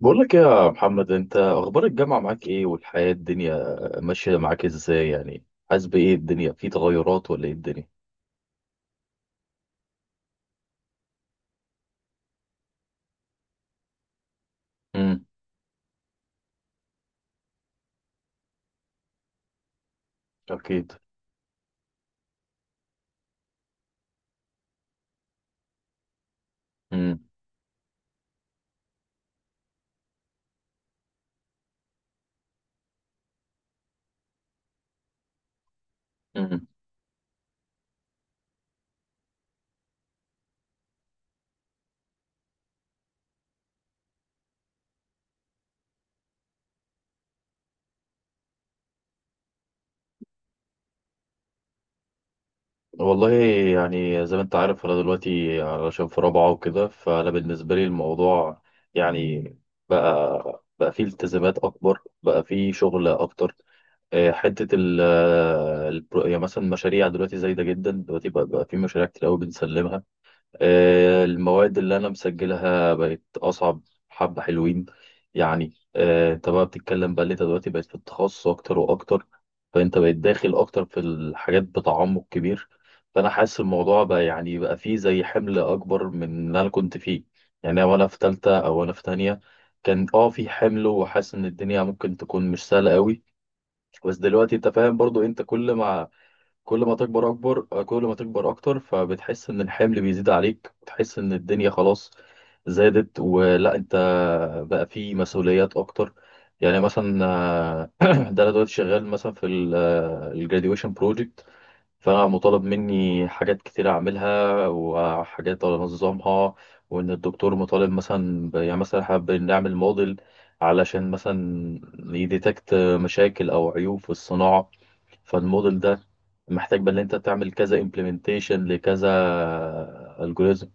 بقول لك إيه يا محمد، انت اخبار الجامعه معاك ايه والحياه الدنيا ماشيه معاك ازاي؟ يعني حاسس بايه؟ الدنيا في تغيرات ولا ايه الدنيا؟ امم. اكيد. امم. امم. والله، يعني زي ما انت عارف انا دلوقتي علشان في رابعه وكده، فانا بالنسبه لي الموضوع يعني بقى فيه التزامات اكبر، بقى فيه شغل اكتر. اه، حته يعني مثلا مشاريع دلوقتي زايده جدا دلوقتي بقى فيه مشاريع كتير قوي بنسلمها. آه، المواد اللي أنا مسجلها بقت أصعب، حبة حلوين. يعني أنت بقى بتتكلم بقى اللي أنت دلوقتي بقيت في التخصص أكتر وأكتر، فأنت بقيت داخل أكتر في الحاجات بتعمق كبير. فأنا حاسس الموضوع بقى يعني بقى فيه زي حمل أكبر من اللي أنا كنت فيه، يعني وأنا في تالتة أو أنا في تانية كان في حمل، وحاسس إن الدنيا ممكن تكون مش سهلة قوي. بس دلوقتي أنت فاهم برضو، أنت كل ما تكبر اكبر، كل ما تكبر اكتر فبتحس ان الحمل بيزيد عليك، بتحس ان الدنيا خلاص زادت، ولا انت بقى في مسؤوليات اكتر. يعني مثلا ده انا دلوقتي شغال مثلا في الجراديويشن بروجكت. فانا مطالب مني حاجات كتير اعملها وحاجات انظمها، وان الدكتور مطالب مثلا يعني مثلا احنا بنعمل موديل علشان مثلا يديتكت مشاكل او عيوب في الصناعة. فالموديل ده محتاج بقى ان انت تعمل كذا امبلمنتيشن لكذا الجوريزم،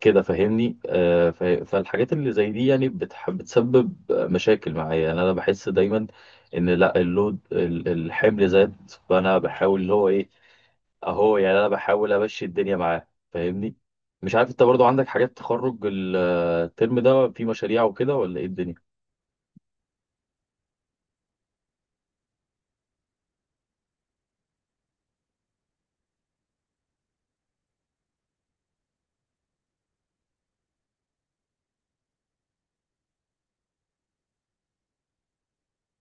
كده فاهمني؟ فالحاجات اللي زي دي يعني بتسبب مشاكل معايا. يعني انا بحس دايما ان لا اللود الحمل زاد، فانا بحاول اللي هو ايه اهو، يعني انا بحاول امشي الدنيا معاه، فاهمني؟ مش عارف انت برضو عندك حاجات تخرج الترم ده في مشاريع وكده ولا ايه الدنيا؟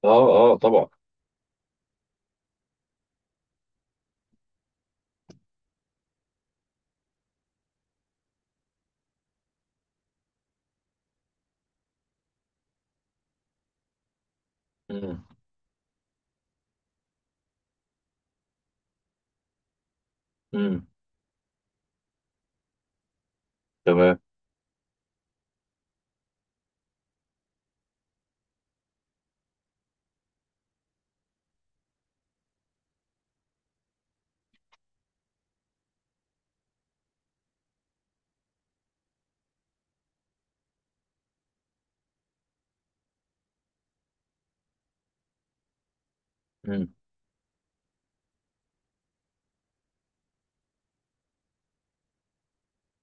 اه اه طبعا. امم. امم. تمام. امم.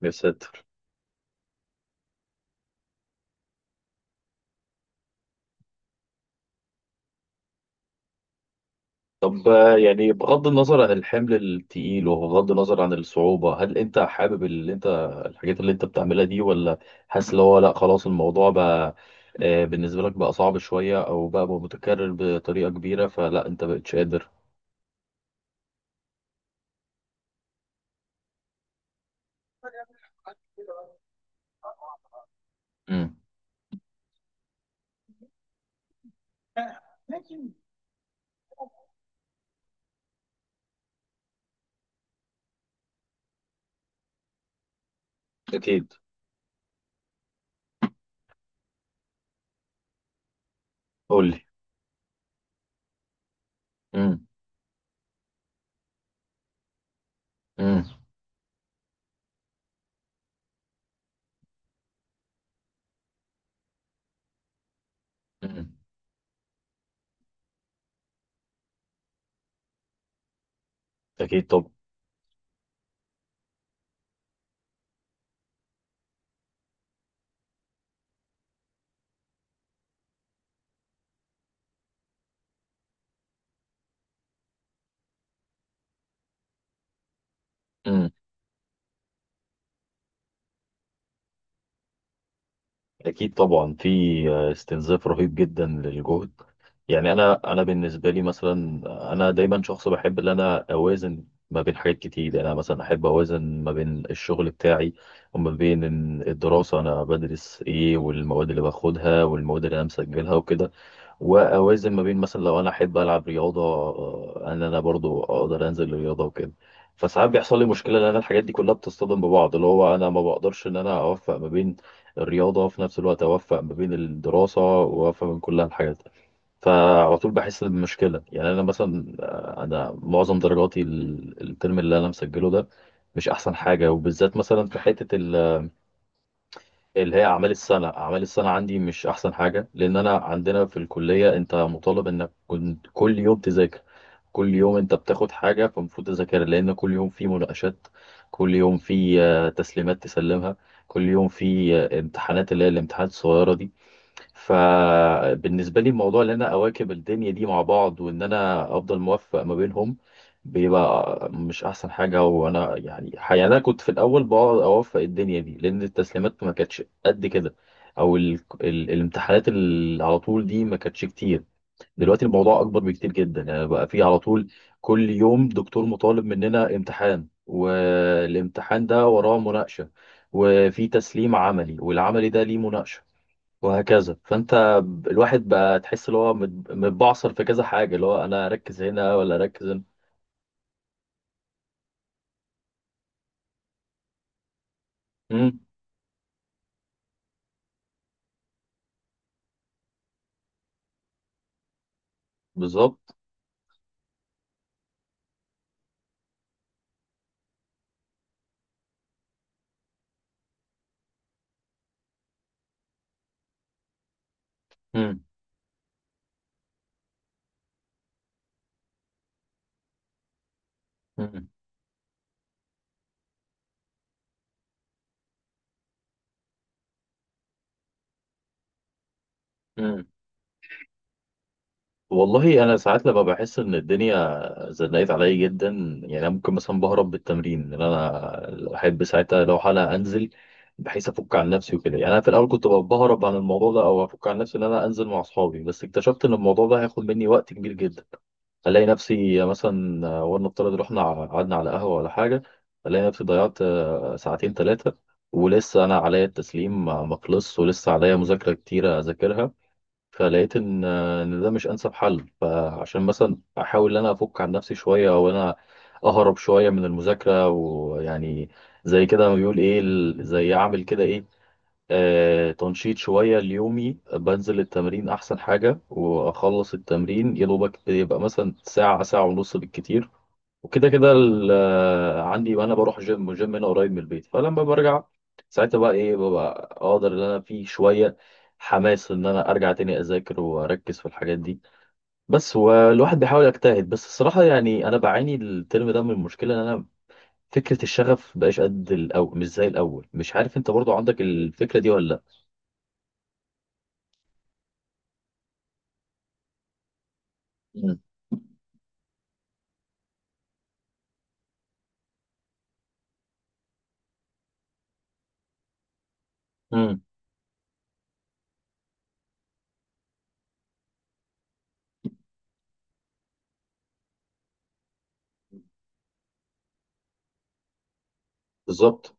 يا ساتر! طب يعني بغض النظر عن الحمل التقيل وبغض النظر عن الصعوبة، هل انت حابب اللي انت الحاجات اللي انت بتعملها دي، ولا حاسس اللي هو لا خلاص الموضوع بقى بالنسبة لك بقى صعب شوية او بقى متكرر بطريقة كبيرة، فلا انت بقتش قادر؟ امم. اكيد. قول لي. امم. امم. امم. اكيد طب. أكيد طبعا، في استنزاف رهيب جدا للجهد. يعني أنا بالنسبة لي مثلا، أنا دايما شخص بحب إن أنا أوازن ما بين حاجات كتير. يعني أنا مثلا أحب أوازن ما بين الشغل بتاعي وما بين إن الدراسة أنا بدرس إيه، والمواد اللي باخدها والمواد اللي أنا مسجلها وكده. واوازن ما بين مثلا لو انا احب العب رياضه، ان انا برضو اقدر انزل الرياضه وكده. فساعات بيحصل لي مشكله ان انا الحاجات دي كلها بتصطدم ببعض، اللي هو انا ما بقدرش ان انا اوفق ما بين الرياضه وفي نفس الوقت اوفق ما بين الدراسه، واوفق بين كل الحاجات. فعلى طول بحس بمشكله. يعني انا مثلا انا معظم درجاتي الترم اللي انا مسجله ده مش احسن حاجه، وبالذات مثلا في حته اللي هي اعمال السنه. اعمال السنه عندي مش احسن حاجه، لان انا عندنا في الكليه انت مطالب انك كنت كل يوم تذاكر. كل يوم انت بتاخد حاجه فالمفروض تذاكرها، لان كل يوم في مناقشات، كل يوم في تسليمات تسلمها، كل يوم في امتحانات اللي هي الامتحانات الصغيره دي. فبالنسبة لي الموضوع ان انا اواكب الدنيا دي مع بعض وان انا افضل موفق ما بينهم بيبقى مش احسن حاجة، وانا يعني انا كنت في الاول بقعد اوفق الدنيا دي، لان التسليمات ما كانتش قد كده، او الامتحانات اللي على طول دي ما كانتش كتير. دلوقتي الموضوع اكبر بكتير جدا، يعني بقى في على طول كل يوم دكتور مطالب مننا امتحان، والامتحان ده وراه مناقشة، وفي تسليم عملي، والعملي ده ليه مناقشة، وهكذا. فانت الواحد بقى تحس ان هو متبعصر في كذا حاجه، اللي هو انا اركز هنا ولا اركز هنا. امم. بالظبط. امم. امم. امم. والله، انا ساعات لما بحس ان الدنيا زنقت عليا جدا. يعني أنا ممكن مثلا بهرب بالتمرين، ان انا احب ساعتها لو حالة انزل بحيث افك عن نفسي وكده. يعني انا في الاول كنت بهرب عن الموضوع ده او افك عن نفسي ان انا انزل مع اصحابي، بس اكتشفت ان الموضوع ده هياخد مني وقت كبير جدا. الاقي نفسي مثلا ولنفترض رحنا قعدنا على قهوه ولا حاجه، الاقي نفسي ضيعت ساعتين ثلاثه، ولسه انا عليا التسليم ما خلصش، ولسه عليا مذاكره كتيره اذاكرها. فلقيت ان ان ده مش انسب حل، فعشان مثلا احاول ان انا افك عن نفسي شويه او انا اهرب شويه من المذاكره، ويعني زي كده ما بيقول ايه زي اعمل كده ايه تنشيط شوية ليومي بنزل التمرين أحسن حاجة. وأخلص التمرين يا دوبك يبقى مثلا ساعة، ساعة ونص بالكتير، وكده كده عندي، وأنا بروح جيم هنا قريب من البيت. فلما برجع ساعتها بقى إيه، ببقى أقدر إن أنا في شوية حماس إن أنا أرجع تاني أذاكر وأركز في الحاجات دي. بس والواحد بيحاول يجتهد، بس الصراحة يعني أنا بعاني الترم ده من المشكلة إن أنا فكرة الشغف مبقاش قد الأول، مش زي الأول، مش عارف أنت برضو عندك الفكرة دي ولا؟ لأ. امم. بالظبط.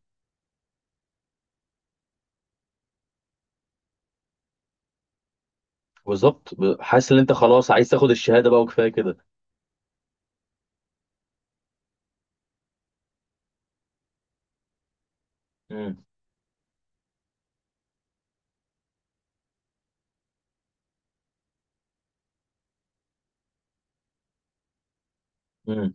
بالظبط، حاسس ان انت خلاص عايز تاخد الشهاده بقى وكفايه كده. امم. امم.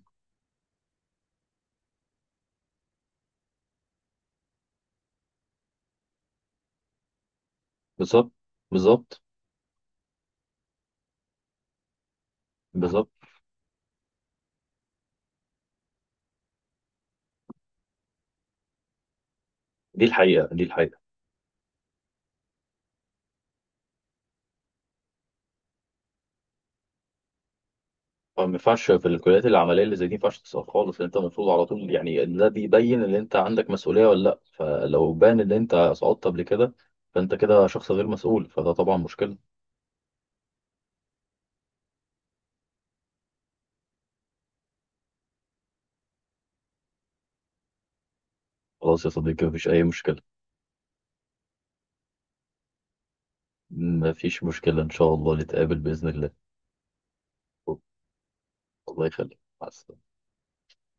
بالظبط. بالظبط. بالظبط. دي الحقيقه، دي الحقيقه. ما ينفعش في الكليات العمليه اللي زي دي، ما ينفعش تسقط خالص، انت المفروض على طول يعني إن ده بيبين ان انت عندك مسؤوليه ولا لا، فلو بان ان انت سقطت قبل كده فانت كده شخص غير مسؤول، فده طبعا مشكله. خلاص يا صديقي، مفيش اي مشكله. مفيش مشكله، ان شاء الله نتقابل باذن الله. الله يخليك، مع السلامه.